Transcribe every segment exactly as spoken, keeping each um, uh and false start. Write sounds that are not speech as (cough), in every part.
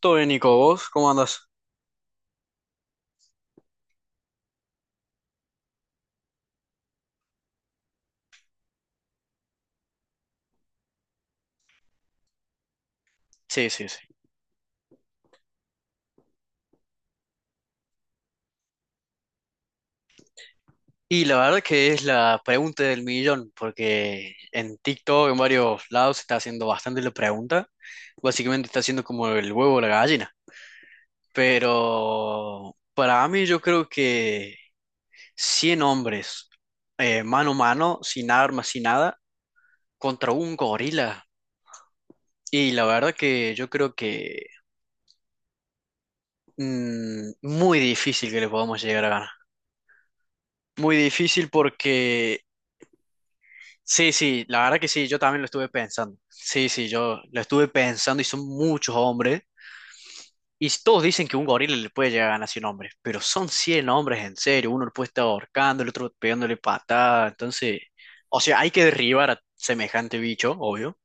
Todo bien, Nico, ¿vos cómo andás? Sí, sí, sí. Y la verdad que es la pregunta del millón, porque en TikTok, en varios lados, se está haciendo bastante la pregunta. Básicamente está haciendo como el huevo o la gallina. Pero para mí yo creo que cien hombres, eh, mano a mano, sin armas, sin nada, contra un gorila. Y la verdad que yo creo que mm, muy difícil que le podamos llegar a ganar. Muy difícil porque. Sí, sí, la verdad que sí, yo también lo estuve pensando. Sí, sí, yo lo estuve pensando y son muchos hombres. Y todos dicen que un gorila le puede llegar a ganar cien hombres, pero son cien hombres en serio. Uno lo puede estar ahorcando, el otro pegándole patada. Entonces, o sea, hay que derribar a semejante bicho, obvio,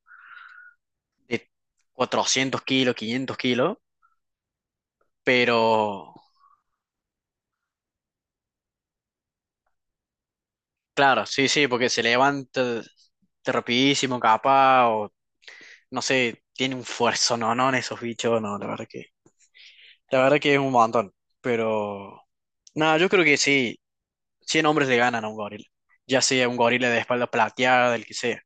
de cuatrocientos kilos, quinientos kilos, pero claro, sí, sí, porque se levanta de rapidísimo, capaz, o no sé, tiene un fuerzo, no, no, en esos bichos, no, la verdad que, la verdad que es un montón, pero, nada, yo creo que sí, cien hombres le ganan a un gorila, ya sea un gorila de espalda plateada, el que sea.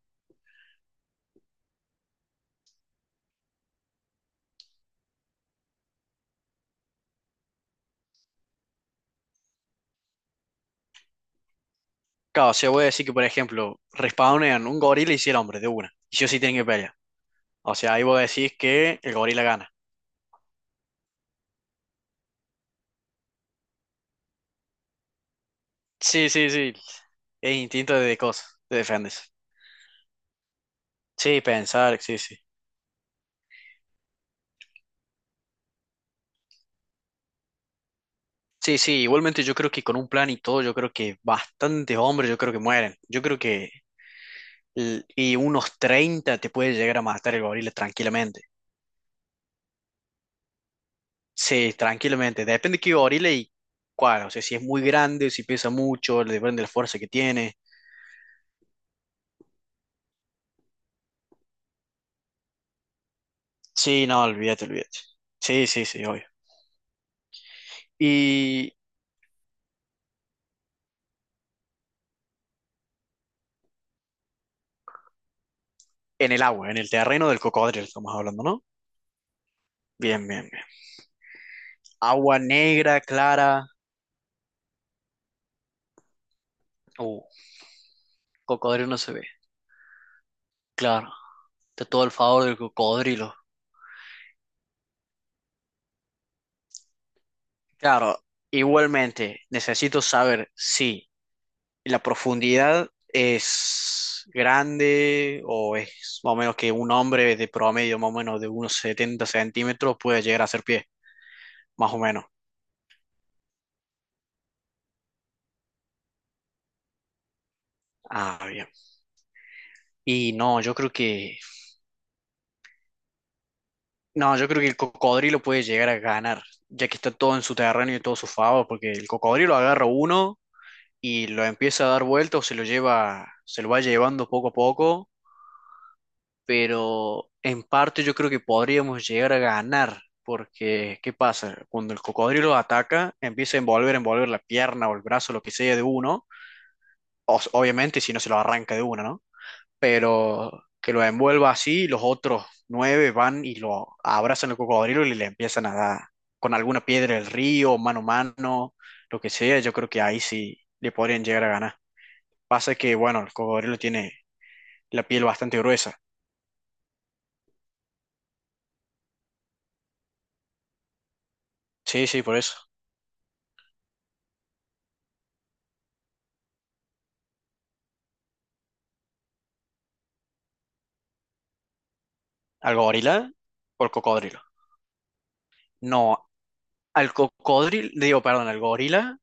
Claro, o sea, voy a decir que, por ejemplo, respawnean un gorila y cien hombres de una, y sí o sí tienen que pelear. O sea, ahí vos decís que el gorila gana. Sí, sí, sí, es instinto de cosas, de defenderse. Sí, pensar, sí, sí. Sí, sí, igualmente yo creo que con un plan y todo, yo creo que bastantes hombres, yo creo que mueren. Yo creo que l- y unos treinta te puede llegar a matar el gorila tranquilamente. Sí, tranquilamente. Depende de qué gorila y cuál. O sea, si es muy grande, si pesa mucho, le depende de la fuerza que tiene. Sí, no, olvídate, olvídate. Sí, sí, sí, obvio. Y en el agua, en el terreno del cocodrilo estamos hablando, ¿no? Bien, bien, bien. Agua negra, clara. Uh, cocodrilo no se ve. Claro, está todo el favor del cocodrilo. Claro, igualmente necesito saber si la profundidad es grande o es más o menos que un hombre de promedio más o menos de unos setenta centímetros puede llegar a hacer pie, más o menos. Ah, bien. Y no, yo creo que no, yo creo que el cocodrilo puede llegar a ganar, ya que está todo en su terreno y todo su favor, porque el cocodrilo agarra uno y lo empieza a dar vueltas o se lo lleva, se lo va llevando poco a poco pero en parte yo creo que podríamos llegar a ganar, porque ¿qué pasa? Cuando el cocodrilo ataca, empieza a envolver, envolver la pierna o el brazo, lo que sea de uno, o- obviamente si no se lo arranca de uno, ¿no? Pero que lo envuelva así, los otros nueve van y lo abrazan al cocodrilo y le empiezan a dar con alguna piedra del río, mano a mano, lo que sea, yo creo que ahí sí le podrían llegar a ganar. Pasa que, bueno, el cocodrilo tiene la piel bastante gruesa. Sí, sí, por eso. Al gorila o al cocodrilo. No, al cocodrilo, digo, perdón, al gorila,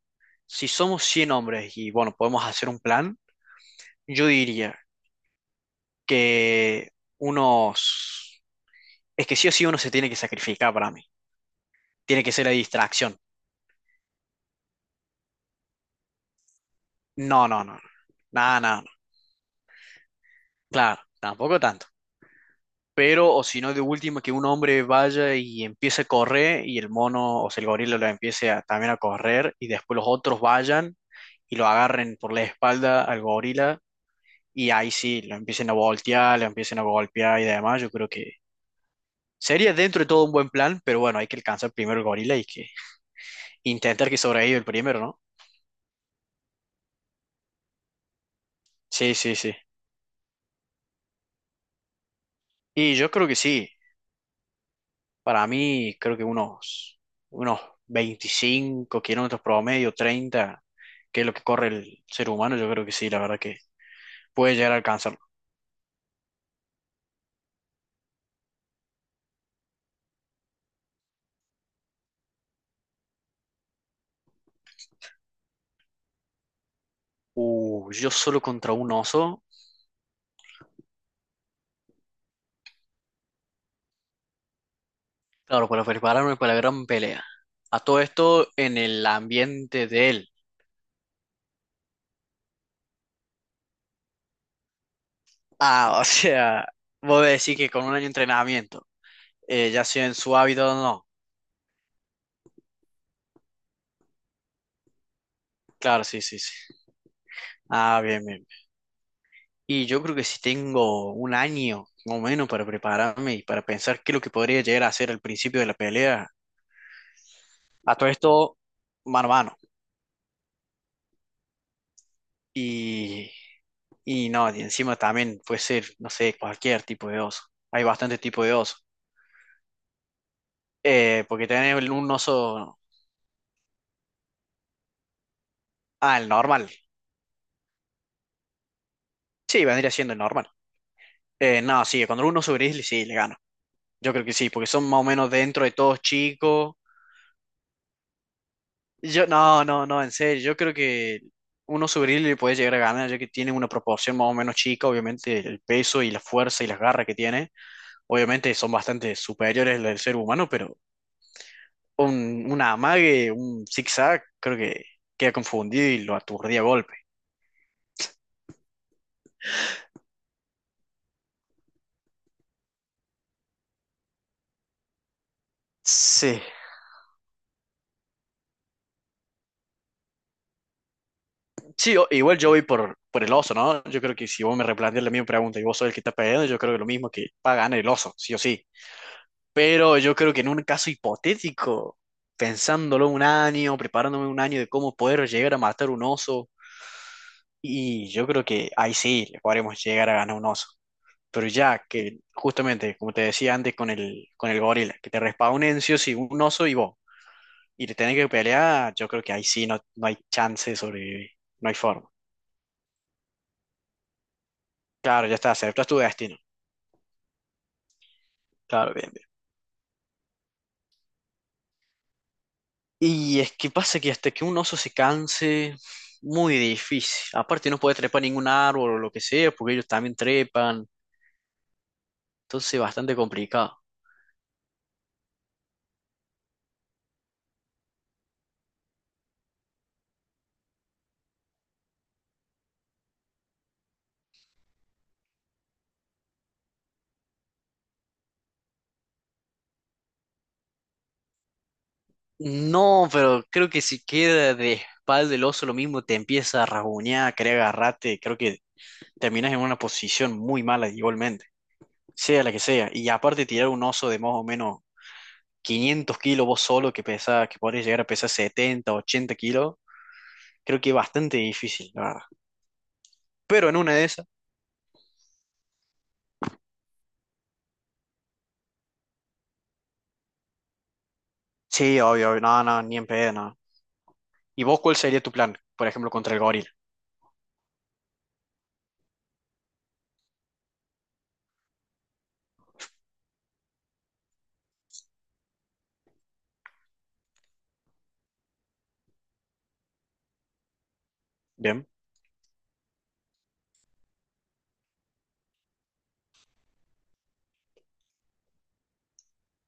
si somos cien hombres y bueno, podemos hacer un plan, yo diría que unos... Es que sí o sí uno se tiene que sacrificar para mí. Tiene que ser la distracción. No, no, no. No. Nada, nada, no. Claro, tampoco tanto. Pero, o si no, de última, que un hombre vaya y empiece a correr y el mono, o sea, el gorila lo empiece a- también a correr y después los otros vayan y lo agarren por la espalda al gorila y ahí sí, lo empiecen a voltear, lo empiecen a golpear y demás, yo creo que sería dentro de todo un buen plan, pero bueno, hay que alcanzar primero el gorila y que intentar que sobreviva el primero, ¿no? Sí, sí, sí. Y yo creo que sí, para mí creo que unos, unos veinticinco kilómetros promedio, treinta, que es lo que corre el ser humano, yo creo que sí, la verdad que puede llegar a alcanzarlo. Uh, yo solo contra un oso, claro, para prepararme para la gran pelea. A todo esto en el ambiente de él. Ah, (laughs) o sea, vos decís que con un año de entrenamiento, eh, ya sea en su hábito o no. Claro, sí, sí, sí. Ah, bien, bien. Y yo creo que si tengo un año o menos para prepararme y para pensar qué es lo que podría llegar a hacer al principio de la pelea, a todo esto, mano a mano. Y, y no, y encima también puede ser, no sé, cualquier tipo de oso. Hay bastante tipo de oso. Eh, porque tener el- un oso. Ah, el normal. Sí, vendría siendo el normal. Eh, no, sí, cuando un oso gris, sí, le gano. Yo creo que sí, porque son más o menos dentro de todos chicos. Yo, no, no, no, en serio, yo creo que uno sobre él le puede llegar a ganar, ya que tiene una proporción más o menos chica, obviamente el peso y la fuerza y las garras que tiene, obviamente son bastante superiores al del ser humano, pero un, un amague, un zigzag, creo que queda confundido y lo aturdía a golpe. Sí, sí, o- igual yo voy por, por el oso, ¿no? Yo creo que si vos me replanteas la misma pregunta y vos sos el que está peleando, yo creo que lo mismo que va a ganar el oso, sí o sí. Pero yo creo que en un caso hipotético, pensándolo un año, preparándome un año de cómo poder llegar a matar un oso, y yo creo que ahí sí le podremos llegar a ganar un oso. Pero ya que justamente, como te decía antes con el, con el gorila, que te respawnen sí o sí un oso y vos, y te tenés que pelear, yo creo que ahí sí no, no hay chance de sobrevivir, no hay forma. Claro, ya está, aceptas tu destino. Claro, bien. Y es que pasa que hasta que un oso se canse, muy difícil. Aparte no puede trepar ningún árbol o lo que sea, porque ellos también trepan. Entonces bastante complicado. No, pero creo que si queda de espalda el oso lo mismo, te empieza a rasguñar, a querer agarrarte. Creo que terminas en una posición muy mala igualmente, sea la que sea. Y aparte tirar un oso de más o menos quinientos kilos vos solo, que pesa, que podés llegar a pesar setenta, ochenta kilos, creo que es bastante difícil, la verdad. Pero en una de esas... Sí, obvio, obvio. No, no, ni en pedo, no. ¿Y vos cuál sería tu plan? Por ejemplo, contra el gorila. Bien,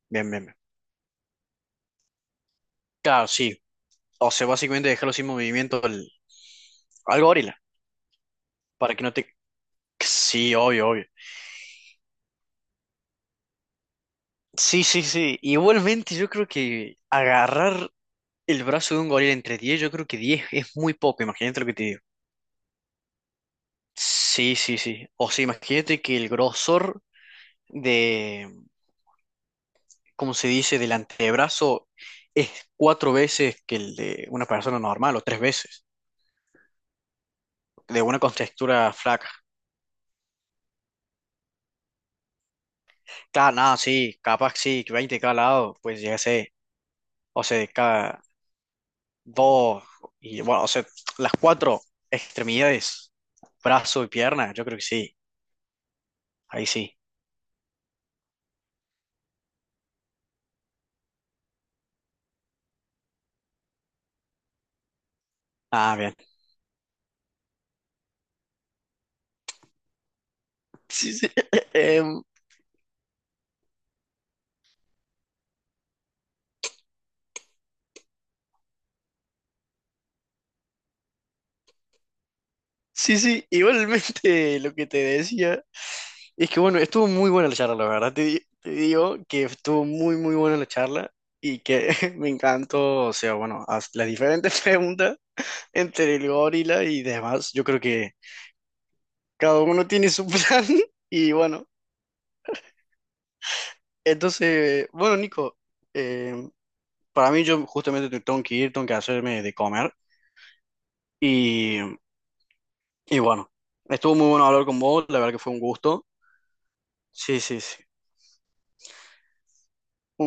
bien, bien. Bien. Claro, sí. O sea, básicamente dejarlo sin movimiento al, al gorila. Para que no te. Sí, obvio, obvio. Sí, sí, sí. Igualmente, yo creo que agarrar el brazo de un gorila entre diez yo creo que diez es muy poco. Imagínate lo que te digo. Sí, sí, sí. O sea, imagínate que el grosor de. Como se dice, del antebrazo es cuatro veces que el de una persona normal o tres veces, de una contextura flaca. Claro, nada, sí, capaz sí, que veinte de cada lado, pues ya sé, o sea, de cada dos, y bueno, o sea, las cuatro extremidades, brazo y pierna, yo creo que sí, ahí sí. Ah, bien. Sí, sí, (laughs) em, sí, sí, igualmente lo que te decía. Es que bueno, estuvo muy buena la charla, la verdad. Te, di- te digo que estuvo muy, muy buena la charla y que (laughs) me encantó, o sea, bueno, haz las diferentes (laughs) preguntas entre el gorila y demás. Yo creo que cada uno tiene su (laughs) plan y bueno, entonces, bueno, Nico, eh, para mí yo justamente te- tengo que ir, tengo que hacerme de comer y, y bueno, estuvo muy bueno hablar con vos, la verdad que fue un gusto. Sí, sí, sí. Un